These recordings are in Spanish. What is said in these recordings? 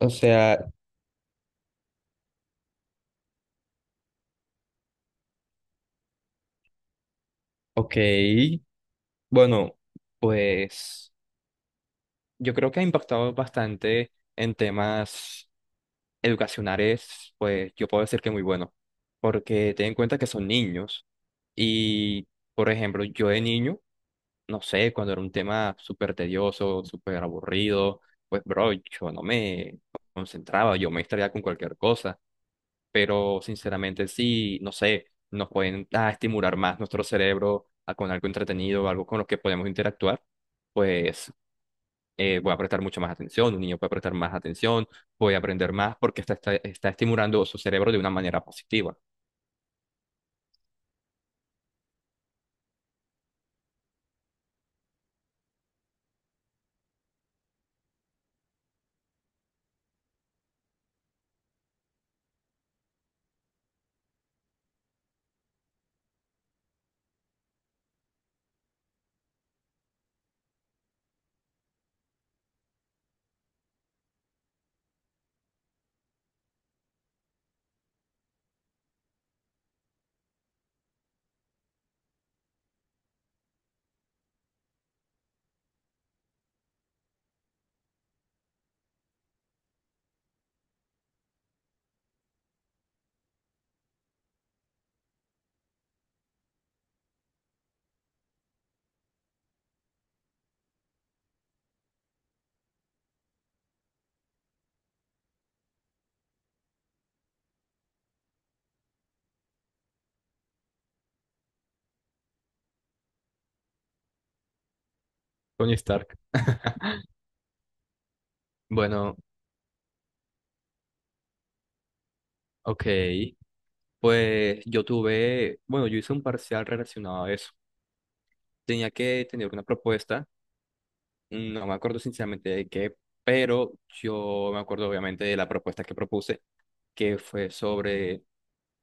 O sea, ok, bueno, pues yo creo que ha impactado bastante en temas educacionales, pues yo puedo decir que muy bueno, porque ten en cuenta que son niños y, por ejemplo, yo de niño, no sé, cuando era un tema súper tedioso, súper aburrido, pues bro, yo no me concentraba, yo me distraía con cualquier cosa. Pero sinceramente sí, no sé, nos pueden estimular más nuestro cerebro con algo entretenido, algo con lo que podemos interactuar, pues voy a prestar mucho más atención, un niño puede prestar más atención, voy a aprender más porque está estimulando su cerebro de una manera positiva. Tony Stark. Bueno, ok, pues yo tuve, bueno, yo hice un parcial relacionado a eso. Tenía que tener una propuesta, no me acuerdo sinceramente de qué, pero yo me acuerdo obviamente de la propuesta que propuse que fue sobre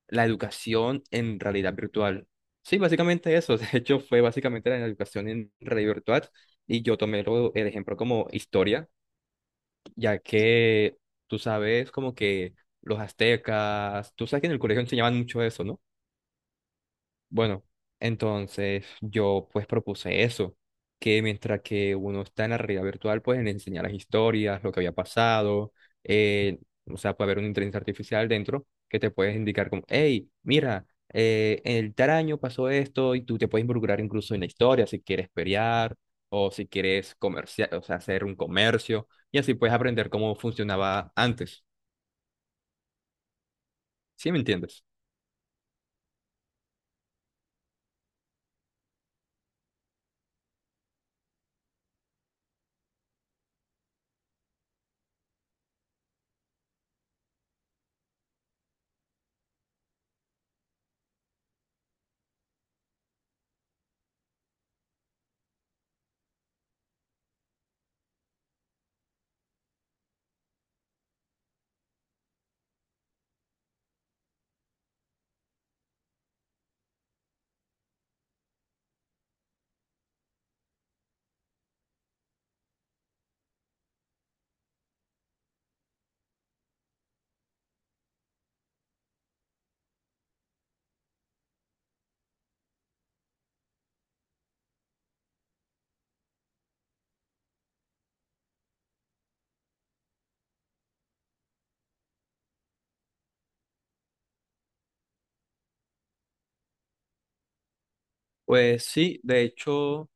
la educación en realidad virtual. Sí, básicamente eso. De hecho, fue básicamente la educación en realidad virtual. Y yo tomé el ejemplo como historia, ya que tú sabes como que los aztecas, tú sabes que en el colegio enseñaban mucho eso, ¿no? Bueno, entonces yo pues propuse eso, que mientras que uno está en la realidad virtual, pues le enseñar las historias, lo que había pasado, eh, o sea, puede haber una inteligencia artificial dentro que te puedes indicar como, hey, mira, el tal año pasó esto y tú te puedes involucrar incluso en la historia si quieres pelear o si quieres comerciar, o sea, hacer un comercio y así puedes aprender cómo funcionaba antes. ¿Sí me entiendes? Pues sí, de hecho,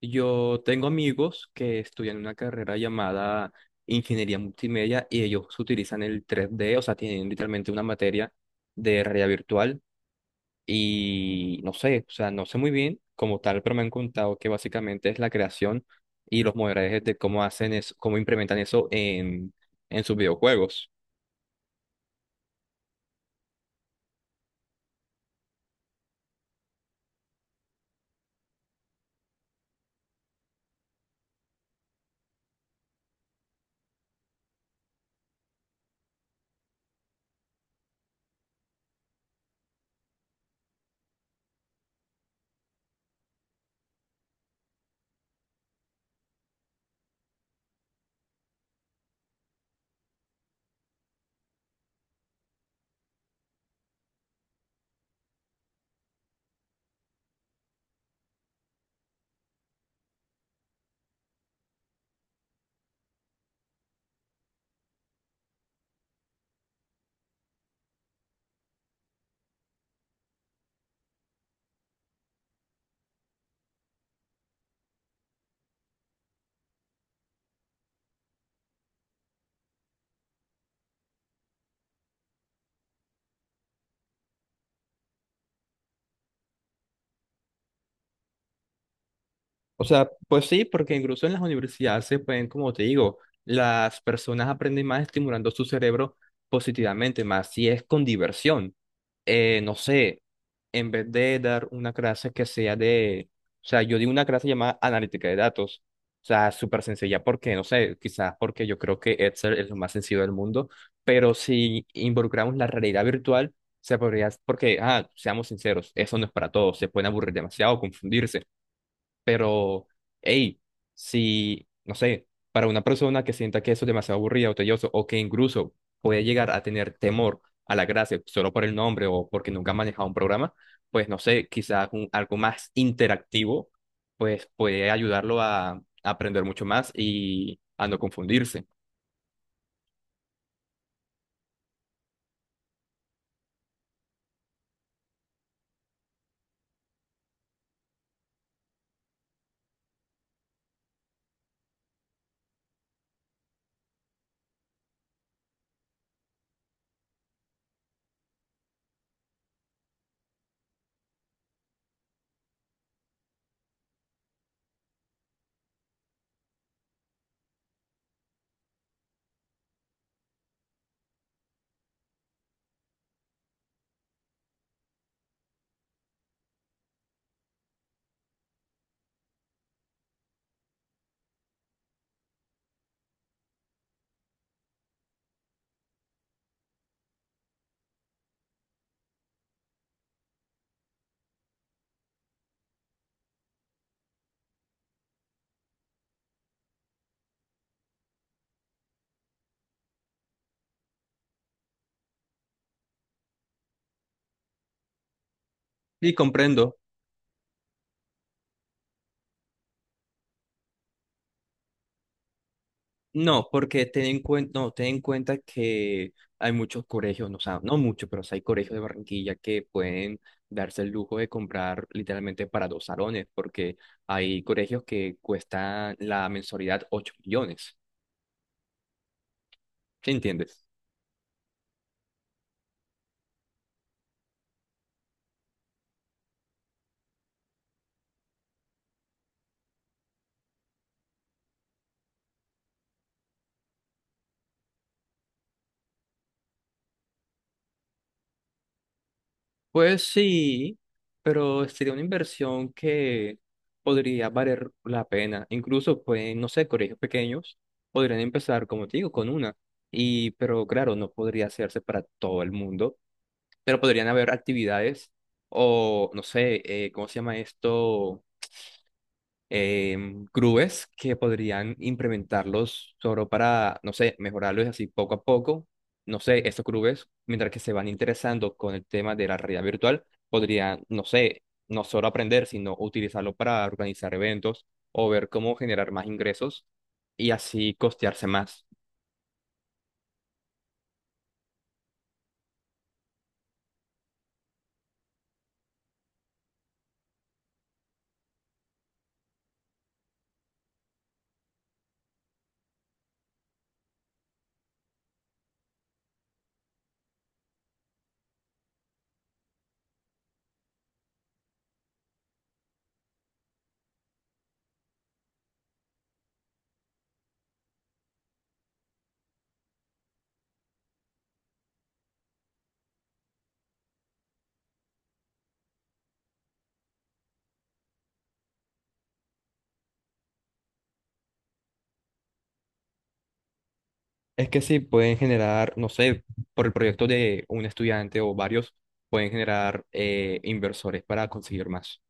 yo tengo amigos que estudian una carrera llamada Ingeniería Multimedia y ellos utilizan el 3D, o sea, tienen literalmente una materia de realidad virtual y no sé, o sea, no sé muy bien como tal, pero me han contado que básicamente es la creación y los modelajes de cómo hacen eso, cómo implementan eso en sus videojuegos. O sea, pues sí, porque incluso en las universidades se pueden, como te digo, las personas aprenden más estimulando su cerebro positivamente, más si es con diversión. No sé, en vez de dar una clase que sea de, o sea, yo di una clase llamada analítica de datos. O sea, súper sencilla porque, no sé, quizás porque yo creo que Excel es lo más sencillo del mundo, pero si involucramos la realidad virtual, se podría, porque, ah, seamos sinceros, eso no es para todos, se pueden aburrir demasiado, confundirse. Pero, hey, si, no sé, para una persona que sienta que eso es demasiado aburrido o tedioso, o que incluso puede llegar a tener temor a la gracia solo por el nombre o porque nunca ha manejado un programa, pues no sé, quizás algo más interactivo, pues puede ayudarlo a aprender mucho más y a no confundirse. Y comprendo. No, porque ten en cuenta, no, ten en cuenta que hay muchos colegios, no, o sea, no muchos, pero sí hay colegios de Barranquilla que pueden darse el lujo de comprar literalmente para dos salones, porque hay colegios que cuestan la mensualidad 8 millones, ¿sí entiendes? Pues sí, pero sería una inversión que podría valer la pena. Incluso, pues, no sé, colegios pequeños podrían empezar, como te digo, con una. Y, pero claro, no podría hacerse para todo el mundo, pero podrían haber actividades o, no sé, ¿cómo se llama esto? Grúes que podrían implementarlos solo para, no sé, mejorarlos así poco a poco. No sé, estos grúes, mientras que se van interesando con el tema de la realidad virtual, podrían, no sé, no solo aprender, sino utilizarlo para organizar eventos o ver cómo generar más ingresos y así costearse más. Es que sí, pueden generar, no sé, por el proyecto de un estudiante o varios, pueden generar inversores para conseguir más.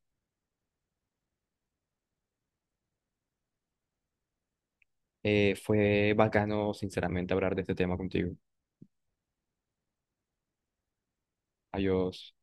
Fue bacano, sinceramente, hablar de este tema contigo. Adiós.